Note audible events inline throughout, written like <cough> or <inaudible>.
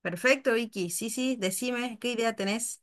Perfecto, Vicky. Sí, sí, decime qué idea tenés.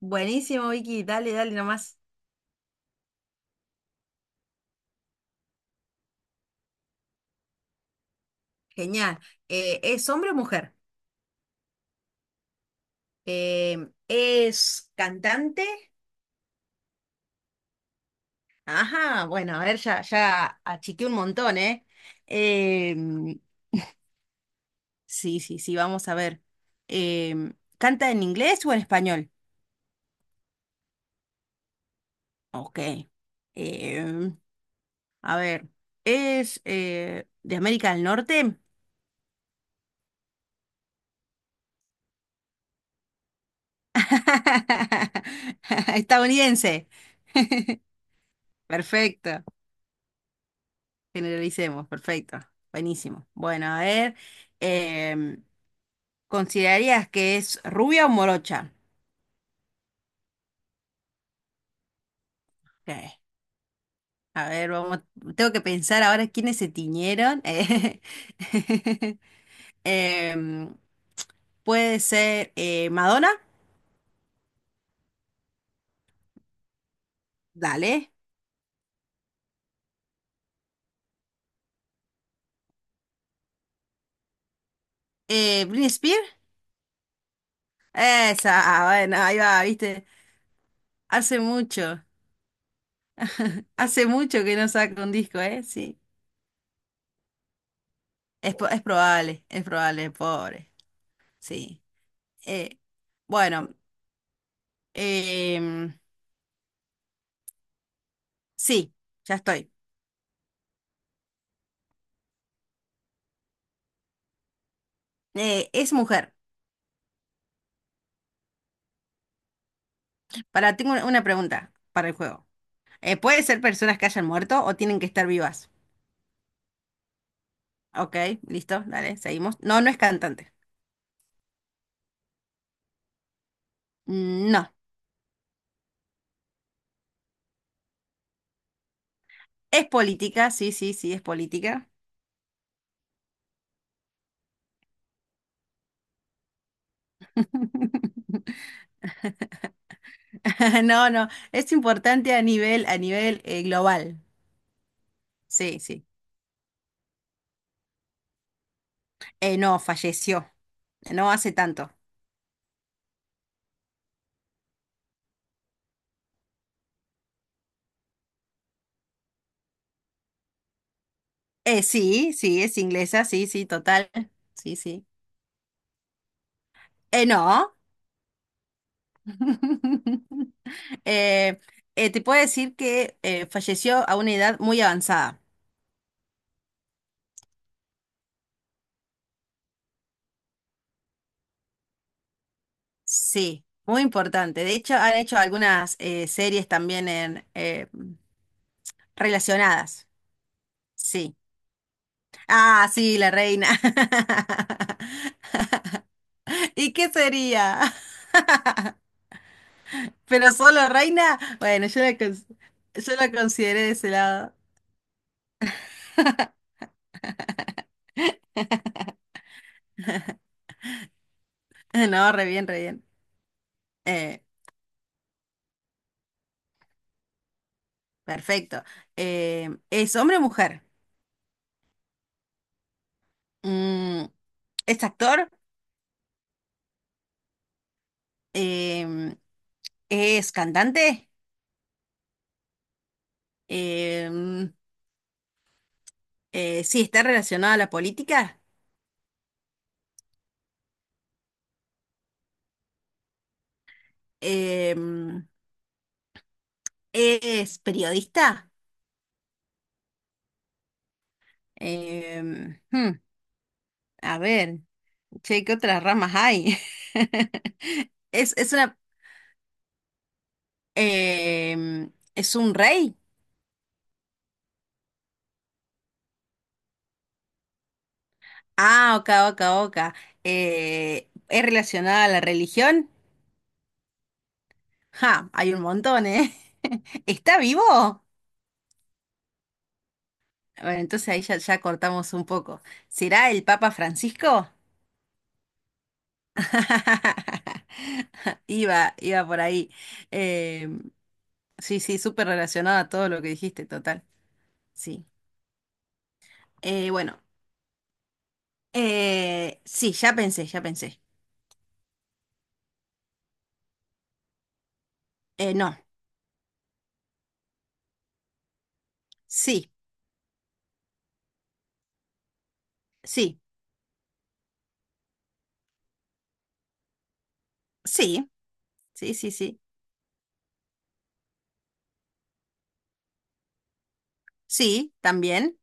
Buenísimo, Vicky. Dale, dale nomás. Genial. ¿Es hombre o mujer? Eh, ¿Es cantante? Ajá, bueno, a ver, ya, ya achiqué un montón, ¿eh? Em, sí, sí, sí, vamos a ver. Em, ¿Canta en inglés o en español? Ok. Em, a ver, ¿es de América del Norte? <laughs> Estadounidense. <laughs> Perfecto. Generalicemos, perfecto. Buenísimo. Bueno, a ver, em, ¿considerarías que es rubia o morocha? Ok. A ver, vamos, tengo que pensar ahora quiénes se tiñeron. <laughs> Eh, Em, puede ser Madonna, dale. Britney Spears, esa, ah, bueno, ahí va, viste. Hace mucho, hace mucho que no saca un disco, ¿eh? Sí. Es, po- es probable, pobre. Sí. Eh, bueno, em, sí, ya estoy. Es mujer. Para, tengo una pregunta para el juego. ¿Puede ser personas que hayan muerto o tienen que estar vivas? Ok, listo, dale, seguimos. No, no es cantante. No. Es política, sí, sí, sí, es política. <laughs> No, no, es importante a nivel global. Sí, sí. No, falleció. No hace tanto. Sí, sí, es inglesa, sí, sí, total. Sí, sí. No. <laughs> Eh, te puedo decir que falleció a una edad muy avanzada. Sí, muy importante. De hecho, han hecho algunas series también en, relacionadas. Sí. Ah, sí, la reina. <laughs> ¿Y qué sería? <laughs> ¿Pero solo reina? Bueno, yo la, cons- yo la consideré de ese lado. <laughs> No, re bien, re bien. Eh, perfecto. ¿Es hombre o mujer? Mm, ¿es actor? em, es cantante, em, sí, está relacionado a la política, em, es periodista. em, hmm, a ver, che, ¿qué otras ramas hay? <laughs> Es una, em, es un rey. Ah, oca, oca, oca. ¿Es relacionada a la religión? Ja, hay un montón, ¿eh? <laughs> ¿Está vivo? Bueno, entonces ahí ya, ya cortamos un poco. ¿Será el Papa Francisco? <laughs> Iba, iba por ahí. Eh, sí, sí, súper relacionado a todo lo que dijiste, total. Sí. Bueno, sí, ya pensé, ya pensé. No, sí, sí, sí, sí, sí, sí. Sí, también.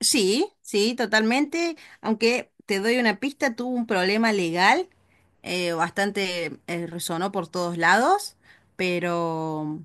Sí, sí, totalmente. Aunque te doy una pista, tuvo un problema legal, bastante resonó por todos lados, pero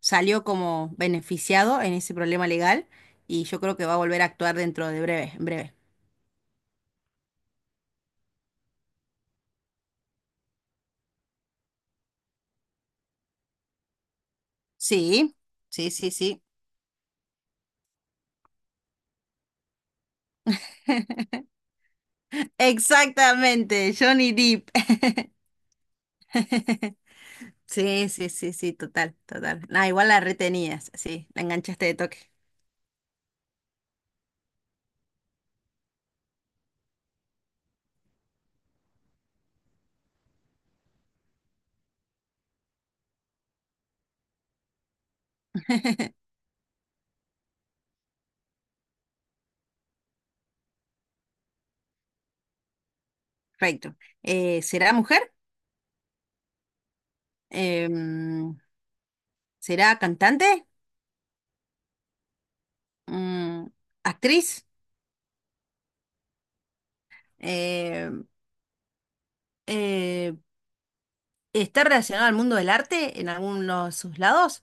salió como beneficiado en ese problema legal y yo creo que va a volver a actuar dentro de breve, en breve. Sí, sí, sí, sí. Exactamente, Johnny Depp. <laughs> Sí, sí, sí, sí, total, total. Nah, igual la retenías, sí, la enganchaste de toque. <laughs> Perfecto. ¿Será mujer? Eh, ¿Será cantante? Mm, ¿actriz? Eh, eh, ¿Está relacionada al mundo del arte en algunos de sus lados?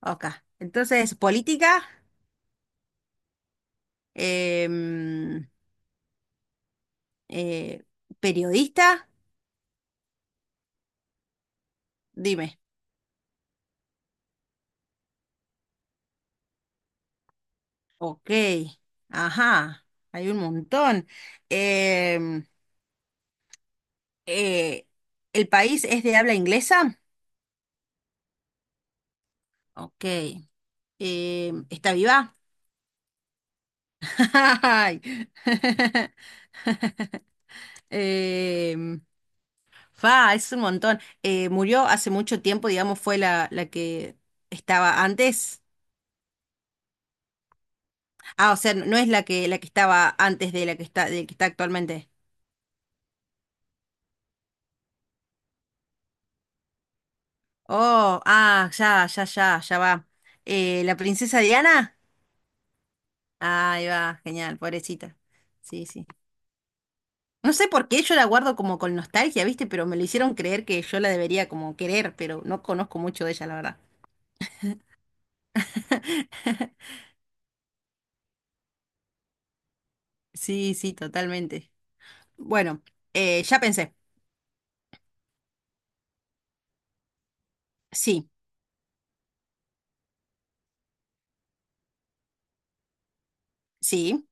Ok. Entonces, política, Em, eh, periodista, dime. Ok. Ajá, hay un montón. Em, eh, ¿El país es de habla inglesa? Ok. ¿Está viva? <laughs> Ay. <laughs> Em, Fa, es un montón. Murió hace mucho tiempo, digamos, fue la, la que estaba antes. Ah, o sea, no es la que estaba antes de la que está, de la que está actualmente. Oh, ah, ya, ya, ya, ya va. ¿La princesa Diana? Ahí va, genial, pobrecita. Sí, sí. No sé por qué yo la guardo como con nostalgia, ¿viste? Pero me lo hicieron creer que yo la debería como querer, pero no conozco mucho de ella, la verdad. <laughs> Sí, sí, totalmente. Bueno, ya pensé. Sí, sí.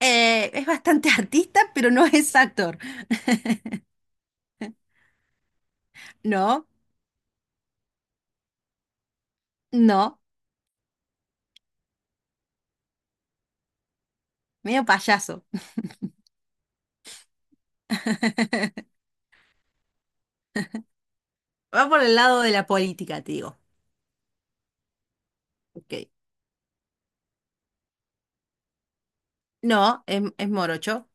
Es bastante <laughs> artista, pero no es actor. <laughs> No, no, medio payaso. <laughs> Va por el lado de la política, te digo. Ok. No, es morocho.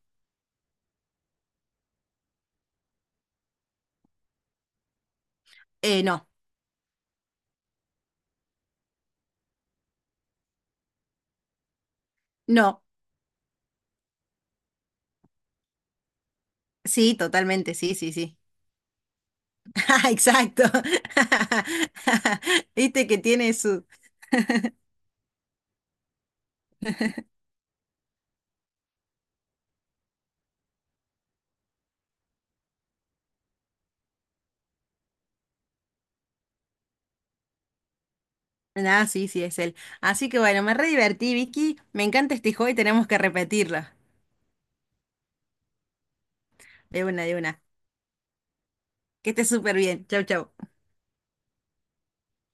No, no. Sí, totalmente, sí, sí, sí. <laughs> Exacto. <laughs> Viste que tiene su... Ah, sí, sí, es él. Así que bueno, me re divertí, Vicky. Me encanta este juego y tenemos que repetirlo. De una, de una. Que estés súper bien. Chau, chau.